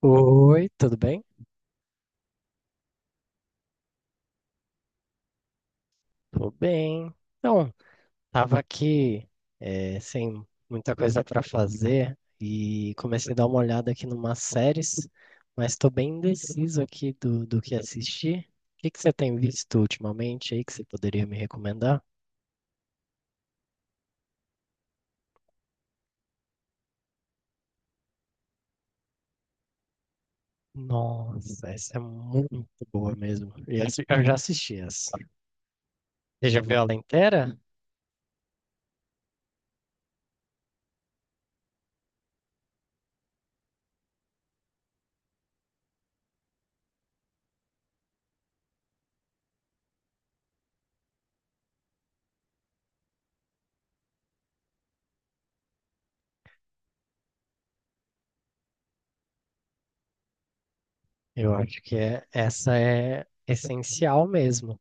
Oi, tudo bem? Tô bem. Então, tava aqui sem muita coisa para fazer e comecei a dar uma olhada aqui numas séries, mas tô bem indeciso aqui do que assistir. O que que você tem visto ultimamente aí que você poderia me recomendar? Nossa, essa é muito boa mesmo. E essa- Eu já assisti essa. Você já viu ela inteira? Eu acho que é, essa é essencial mesmo. Não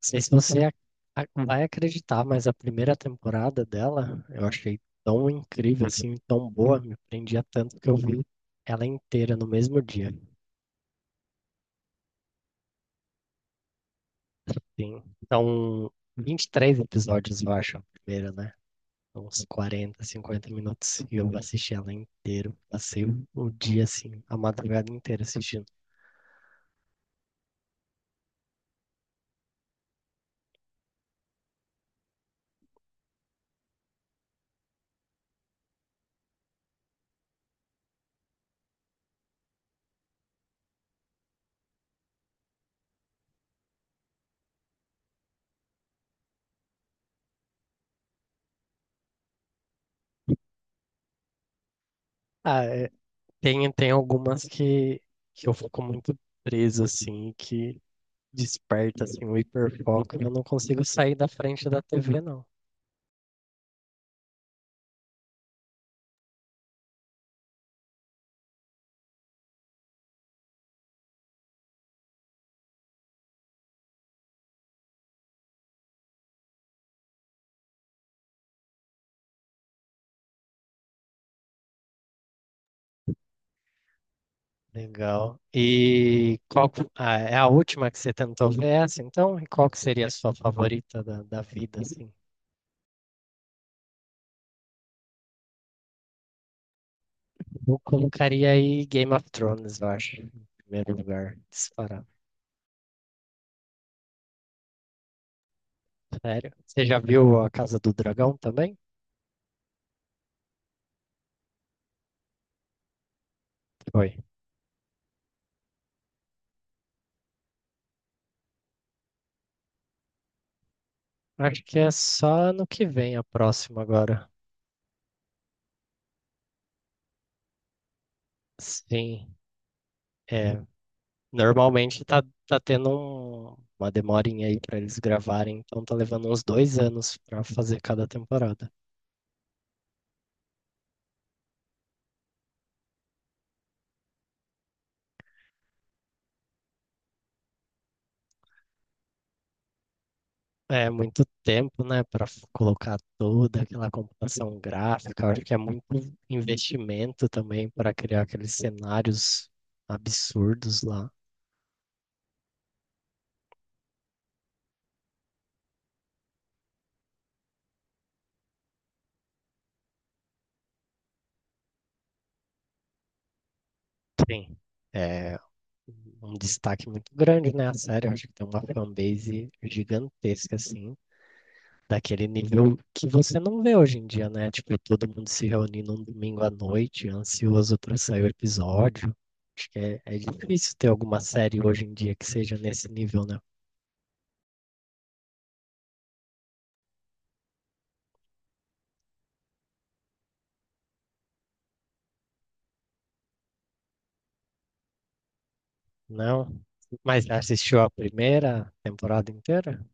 sei se você vai acreditar, mas a primeira temporada dela eu achei tão incrível, assim, tão boa, me prendia tanto que eu vi ela inteira no mesmo dia. Sim. Então, 23 episódios, eu acho, a primeira, né? Uns 40, 50 minutos. E eu assisti ela inteira. Passei o dia, assim, a madrugada inteira assistindo. Ah, é, tem algumas que eu fico muito preso, assim, que desperta assim um hiperfoco, eu não consigo sair da frente da TV, não. Legal. E qual que- ah, é a última que você tentou ver essa, então? E qual que seria a sua favorita da vida, assim? Eu colocaria aí Game of Thrones, eu acho, em primeiro lugar, disparado. Sério? Você já viu A Casa do Dragão também? Foi. Acho que é só no que vem a próxima agora. Sim. É, normalmente tá tendo um- uma demorinha aí pra eles gravarem, então tá levando uns 2 anos pra fazer cada temporada. É muito tempo, né? Colocar toda aquela computação gráfica. Eu acho que é muito investimento também para criar aqueles cenários absurdos lá. Sim, é um destaque muito grande, né, a série. Eu acho que tem uma fanbase gigantesca, assim. Daquele nível que você não vê hoje em dia, né? Tipo, todo mundo se reunindo um domingo à noite, ansioso para sair o episódio. Acho que é, é difícil ter alguma série hoje em dia que seja nesse nível, né? Não. Mas já assistiu a primeira temporada inteira?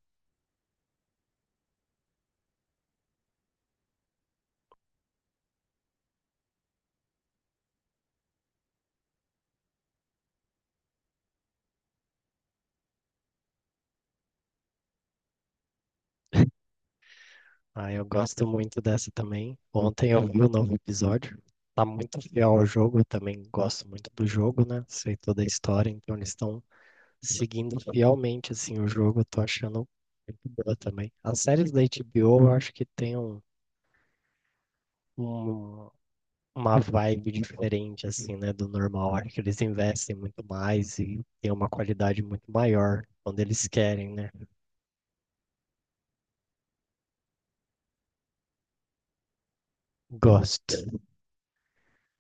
Ah, eu gosto muito dessa também. Ontem eu vi o novo episódio. Tá muito fiel ao jogo, eu também gosto muito do jogo, né? Sei toda a história, então eles estão seguindo fielmente assim o jogo, eu tô achando muito boa também. As séries da HBO eu acho que tem um, um- uma vibe diferente assim, né, do normal. Acho que eles investem muito mais e tem uma qualidade muito maior quando eles querem, né? Gosto.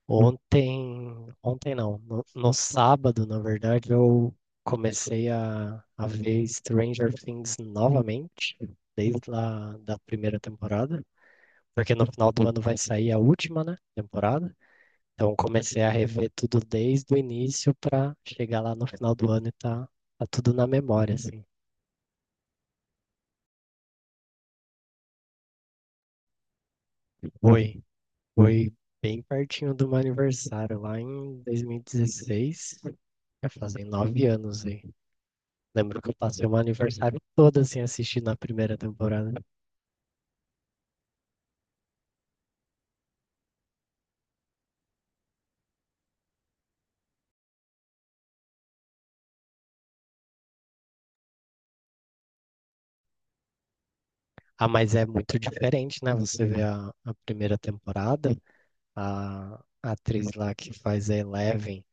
Ontem, ontem não, no sábado, na verdade, eu comecei a ver Stranger Things novamente, desde lá da primeira temporada. Porque no final do ano vai sair a última, né, temporada. Então comecei a rever tudo desde o início para chegar lá no final do ano e tá tudo na memória, assim. Foi, foi bem pertinho do meu aniversário, lá em 2016, já fazem 9 anos aí. Lembro que eu passei o meu aniversário todo assim assistindo a primeira temporada. Ah, mas é muito diferente, né? Você vê a primeira temporada, a, a atriz lá que faz a Eleven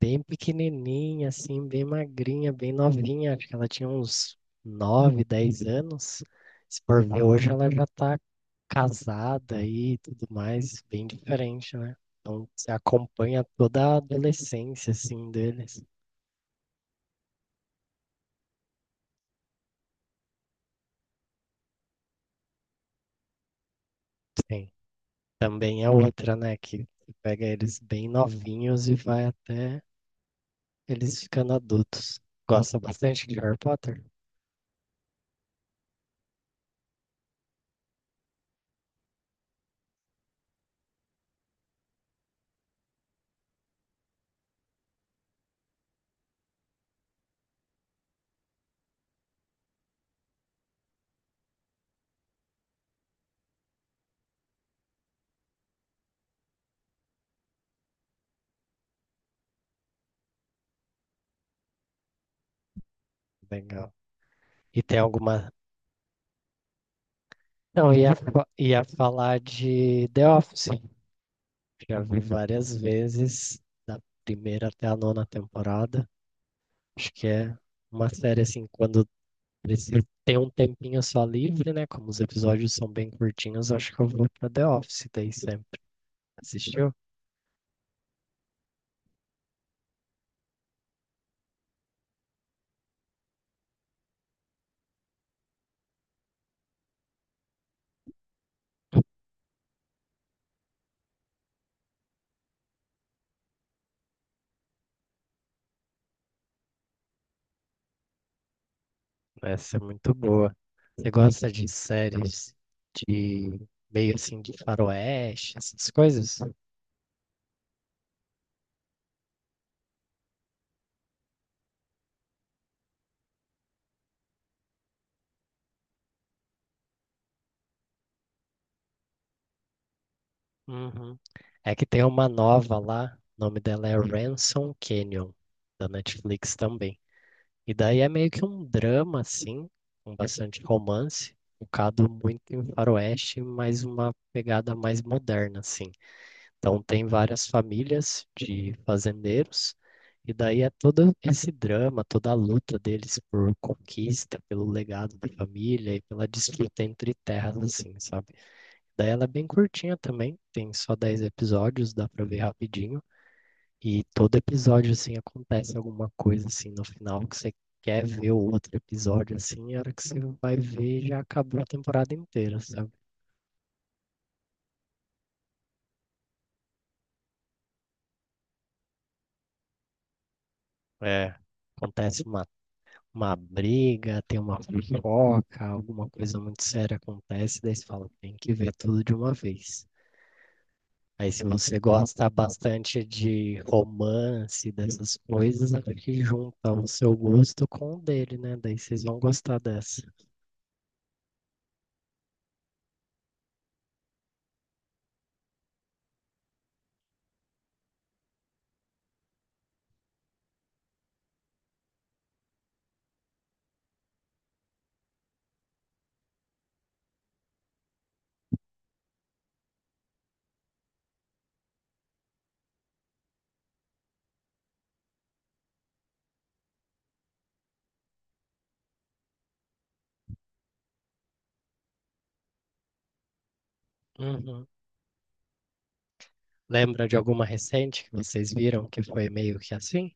bem pequenininha, assim, bem magrinha, bem novinha. Acho que ela tinha uns 9, 10 anos. Se por ver hoje, ela já tá casada e tudo mais, bem diferente, né? Então, você acompanha toda a adolescência, assim, deles. Sim. Também é outra, né, que pega eles bem novinhos e vai até eles ficando adultos. Gosta bastante de Harry Potter? Legal. E tem alguma... Não, ia falar de The Office. Já vi várias vezes, da primeira até a nona temporada. Acho que é uma série assim, quando preciso ter um tempinho só livre, né? Como os episódios são bem curtinhos, acho que eu vou pra The Office daí sempre. Assistiu? Essa é muito boa. Você gosta de séries de meio assim de faroeste, essas coisas? Uhum. É que tem uma nova lá, o nome dela é Ransom Canyon, da Netflix também. E daí é meio que um drama, assim, com bastante romance, focado muito em faroeste, mas uma pegada mais moderna, assim. Então tem várias famílias de fazendeiros, e daí é todo esse drama, toda a luta deles por conquista, pelo legado da família e pela disputa entre terras, assim, sabe? Daí ela é bem curtinha também, tem só 10 episódios, dá pra ver rapidinho. E todo episódio, assim, acontece alguma coisa, assim, no final que você quer ver o outro episódio, assim, e a hora que você vai ver já acabou a temporada inteira, sabe? É, acontece uma briga, tem uma fofoca, alguma coisa muito séria acontece, daí você fala, tem que ver tudo de uma vez. Aí, se você gosta bastante de romance, dessas coisas, acho que junta o seu gosto com o dele, né? Daí vocês vão gostar dessa. Uhum. Lembra de alguma recente que vocês viram que foi meio que assim?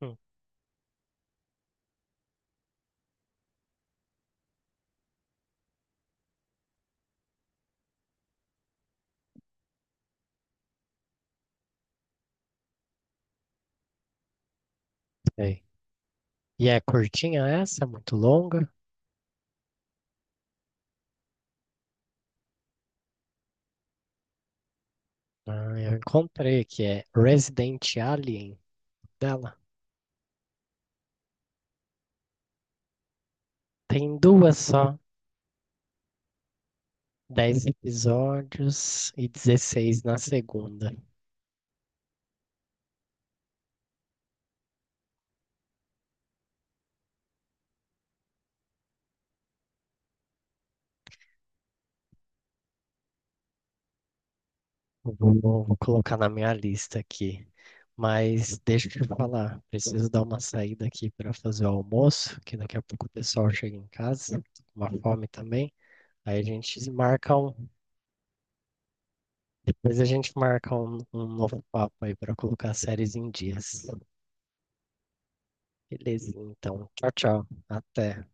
Hum, sei. E é curtinha essa? Muito longa? Ah, eu encontrei que é Resident Alien dela. Tem duas só, 10 episódios e 16 na segunda. Eu vou colocar na minha lista aqui. Mas deixa eu te falar, preciso dar uma saída aqui para fazer o almoço, que daqui a pouco o pessoal chega em casa, com uma fome também. Aí a gente marca um, depois a gente marca um novo papo aí para colocar as séries em dias. Beleza, então. Tchau, tchau. Até.